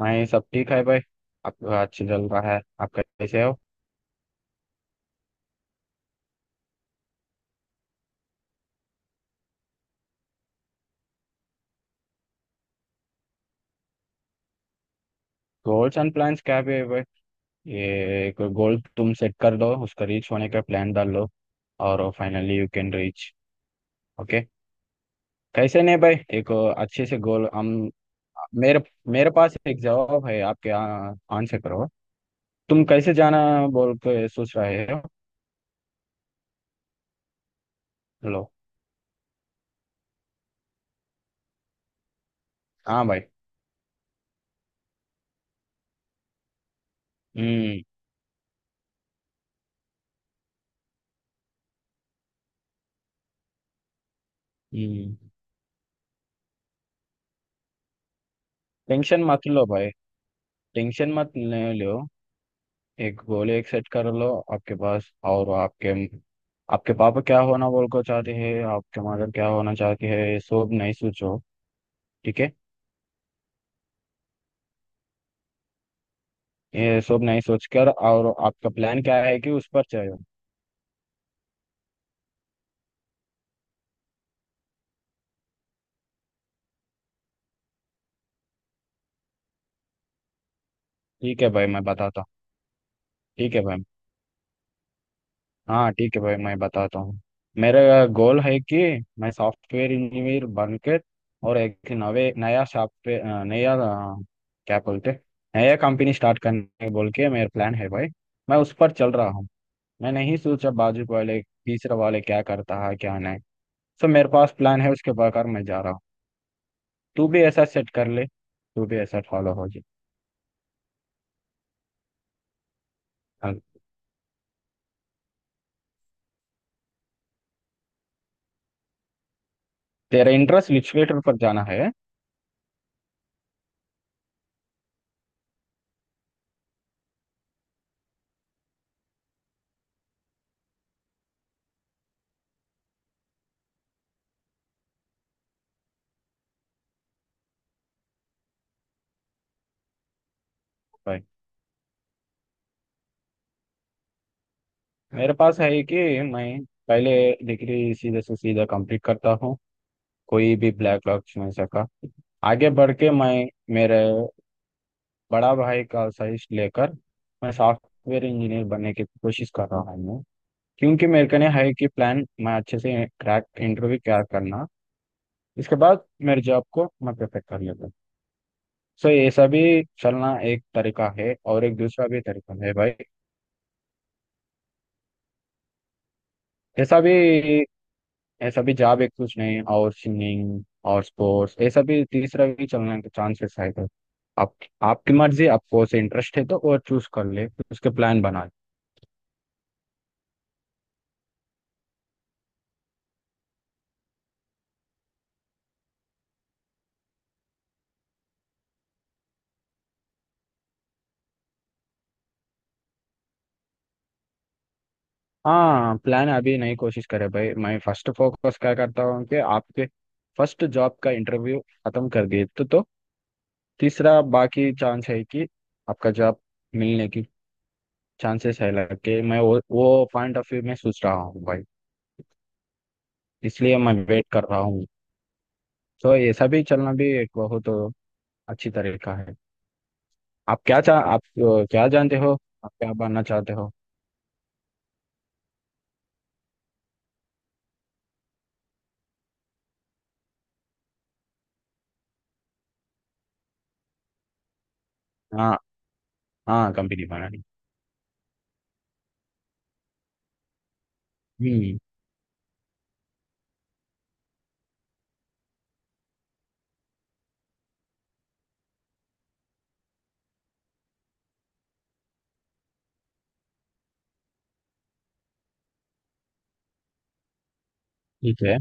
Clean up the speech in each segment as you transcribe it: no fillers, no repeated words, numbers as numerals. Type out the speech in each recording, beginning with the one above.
हाँ ये सब ठीक है भाई। आपका अच्छी चल रहा है, आप कैसे हो। गोल्स एंड प्लान्स क्या भी है भाई। ये कोई गोल तुम सेट कर दो, उसका रीच होने का प्लान डाल लो और finally you can reach. Okay. कैसे नहीं भाई। एक अच्छे से गोल हम, मेरे मेरे पास एक जवाब है, आपके आंसर करो। तुम कैसे जाना बोल के सोच रहे हो। लो। हाँ भाई। हम्म हम्म। टेंशन मत लो भाई। टेंशन मत ले लो। एक गोली एक सेट कर लो आपके पास। और आपके आपके पापा क्या होना बोल को चाहते हैं, आपके मदर क्या होना चाहती है, ये सब नहीं सोचो। ठीक है। ये सब नहीं सोचकर और आपका प्लान क्या है कि उस पर चलो। ठीक है भाई, मैं बताता हूँ। ठीक है भाई। हाँ ठीक है भाई, मैं बताता हूँ। मेरा गोल है कि मैं सॉफ्टवेयर इंजीनियर बनकर और एक नवे नया सॉफ्टवेयर नया क्या बोलते नया कंपनी स्टार्ट करने बोल के मेरा प्लान है भाई। मैं उस पर चल रहा हूँ। मैं नहीं सोचा बाजू वाले तीसरा वाले क्या करता है क्या नहीं। सो मेरे पास प्लान है, उसके बगैर मैं जा रहा हूँ। तू भी ऐसा सेट कर ले, तू भी ऐसा फॉलो हो जाए। अब तेरा इंटरेस्ट लिटरेचर पर जाना है। भाई मेरे पास है कि मैं पहले डिग्री सीधे से सीधा कंप्लीट करता हूँ। कोई भी ब्लैक लॉक्स में सका आगे बढ़ के, मैं मेरे बड़ा भाई का सजेस्ट लेकर मैं सॉफ्टवेयर इंजीनियर बनने की कोशिश कर रहा हूँ। क्योंकि मेरे को नहीं है कि प्लान, मैं अच्छे से क्रैक इंटरव्यू क्रैक करना। इसके बाद मेरे जॉब को मैं परफेक्ट कर लेता हूँ। सो ऐसा भी चलना एक तरीका है और एक दूसरा भी तरीका है भाई। ऐसा भी, ऐसा भी जॉब एक कुछ नहीं और सिंगिंग और स्पोर्ट्स, ऐसा भी तीसरा भी चलने के चांसेस है। तो आप, आपकी मर्जी, आपको उसे इंटरेस्ट है तो वो चूज कर ले, उसके प्लान बना ले। हाँ प्लान अभी नहीं, कोशिश करे भाई। मैं फर्स्ट फोकस क्या करता हूँ कि आपके फर्स्ट जॉब का इंटरव्यू खत्म कर दिए तो, तीसरा बाकी चांस है कि आपका जॉब मिलने की चांसेस है लगे। मैं वो पॉइंट ऑफ व्यू में सोच रहा हूँ भाई। इसलिए मैं वेट कर रहा हूँ। तो ऐसा भी चलना भी एक बहुत अच्छी तरीका है। आप क्या चाह, आप क्या जानते हो, आप क्या बनना चाहते हो। हाँ हाँ, कंपनी बनानी। हम्म, ठीक है।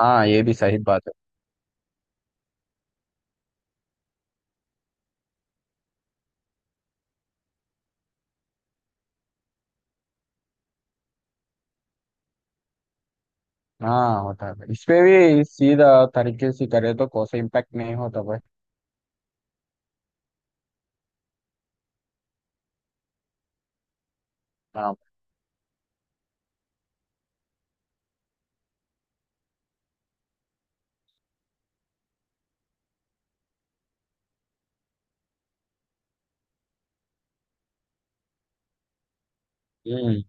हाँ ये भी सही बात है। हाँ होता है, इस पे भी सीधा तरीके से करे तो कोई सा इम्पैक्ट नहीं होता भाई। हाँ। हम्म।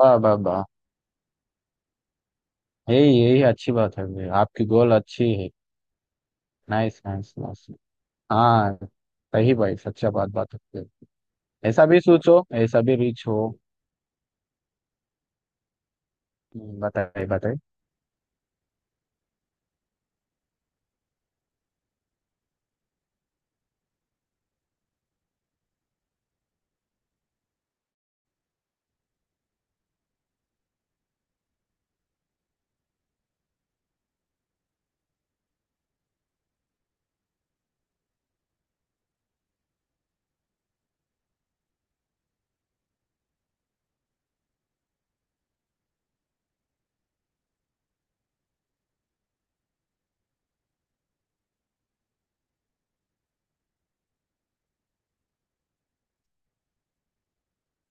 वाह वाह वाह। यही यही अच्छी बात है भाई, आपकी गोल अच्छी है। Nice nice nice. हाँ सही भाई, सच्चा बात बात होती है। ऐसा भी सोचो, ऐसा भी रिच हो। बताइए बताइए।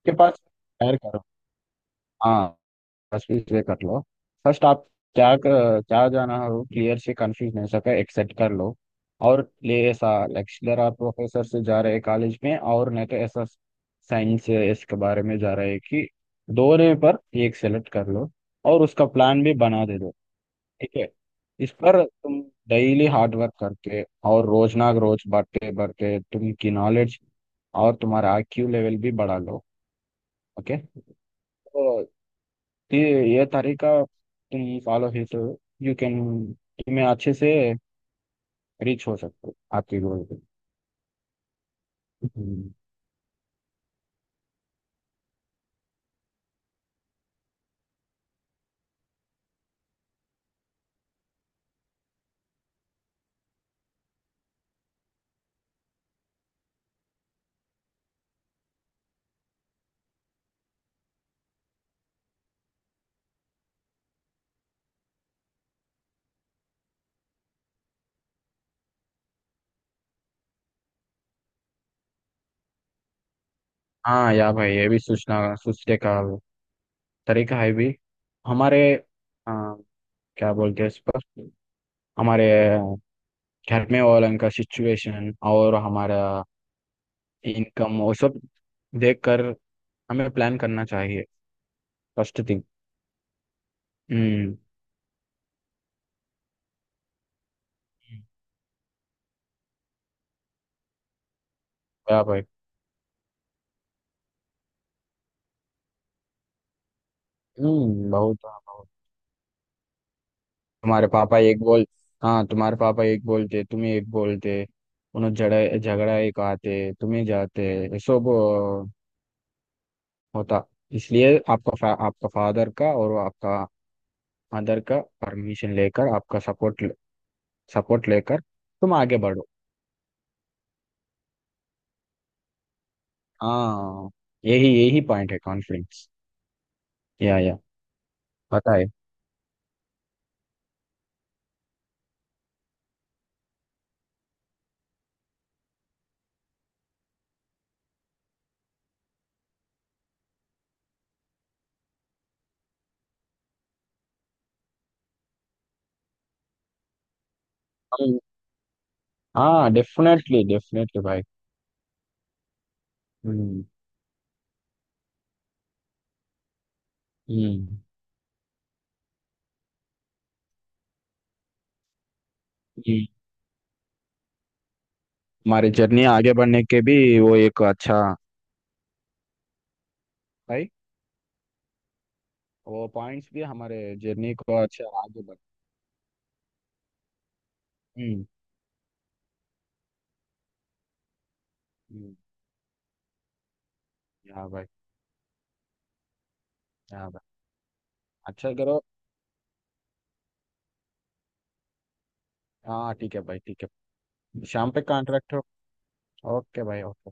के पास शेयर करो। हाँ। बस इसे कर लो। फर्स्ट आप क्या क्या जाना हो क्लियर से, कंफ्यूज नहीं हो सके, एक्सेप्ट कर लो। और ले ऐसा लेक्चरर आप प्रोफेसर से जा रहे हैं कॉलेज में, और नहीं तो ऐसा साइंस या इसके बारे में जा रहे हैं कि दोनों पर एक सेलेक्ट कर लो और उसका प्लान भी बना दे दो। ठीक है। इस पर तुम डेली हार्ड वर्क करके और रोज ना रोज बढ़ते बढ़ते तुम की नॉलेज और तुम्हारा आईक्यू लेवल भी बढ़ा लो। ओके। तो ये ये तरीका तुम फॉलो ही तो यू कैन, तुम्हें अच्छे से रीच हो सकते हो आपकी गोल पे। हम्म। हाँ या भाई, ये भी सोचना, सोचने का तरीका है भी। हमारे आ, क्या बोलते हैं, इस पर हमारे घर में वालों का सिचुएशन और हमारा इनकम और सब देख कर हमें प्लान करना चाहिए। First thing. हम्म। क्या भाई। बहुत, हाँ, बहुत। तुम्हारे पापा एक बोल, हाँ तुम्हारे पापा एक बोलते, तुम्हें एक बोलते, उन्हें झगड़ा झगड़ा एक आते, तुम्हें जाते, ये सब होता। इसलिए आपका आपका फादर का और आपका मदर का परमिशन लेकर, आपका सपोर्ट, सपोर्ट लेकर तुम आगे बढ़ो। हाँ। यही यही पॉइंट है, कॉन्फिडेंस या पता है। हाँ डेफिनेटली डेफिनेटली भाई। हम्म हम्म। ये हमारे जर्नी आगे बढ़ने के भी, वो एक अच्छा भाई, वो पॉइंट्स भी हमारे जर्नी को अच्छा आगे बढ़। हम्म हम्म, हाँ भाई। हाँ भाई, अच्छा करो। हाँ ठीक है भाई, ठीक है। शाम पे कॉन्ट्रैक्ट हो। ओके भाई, ओके।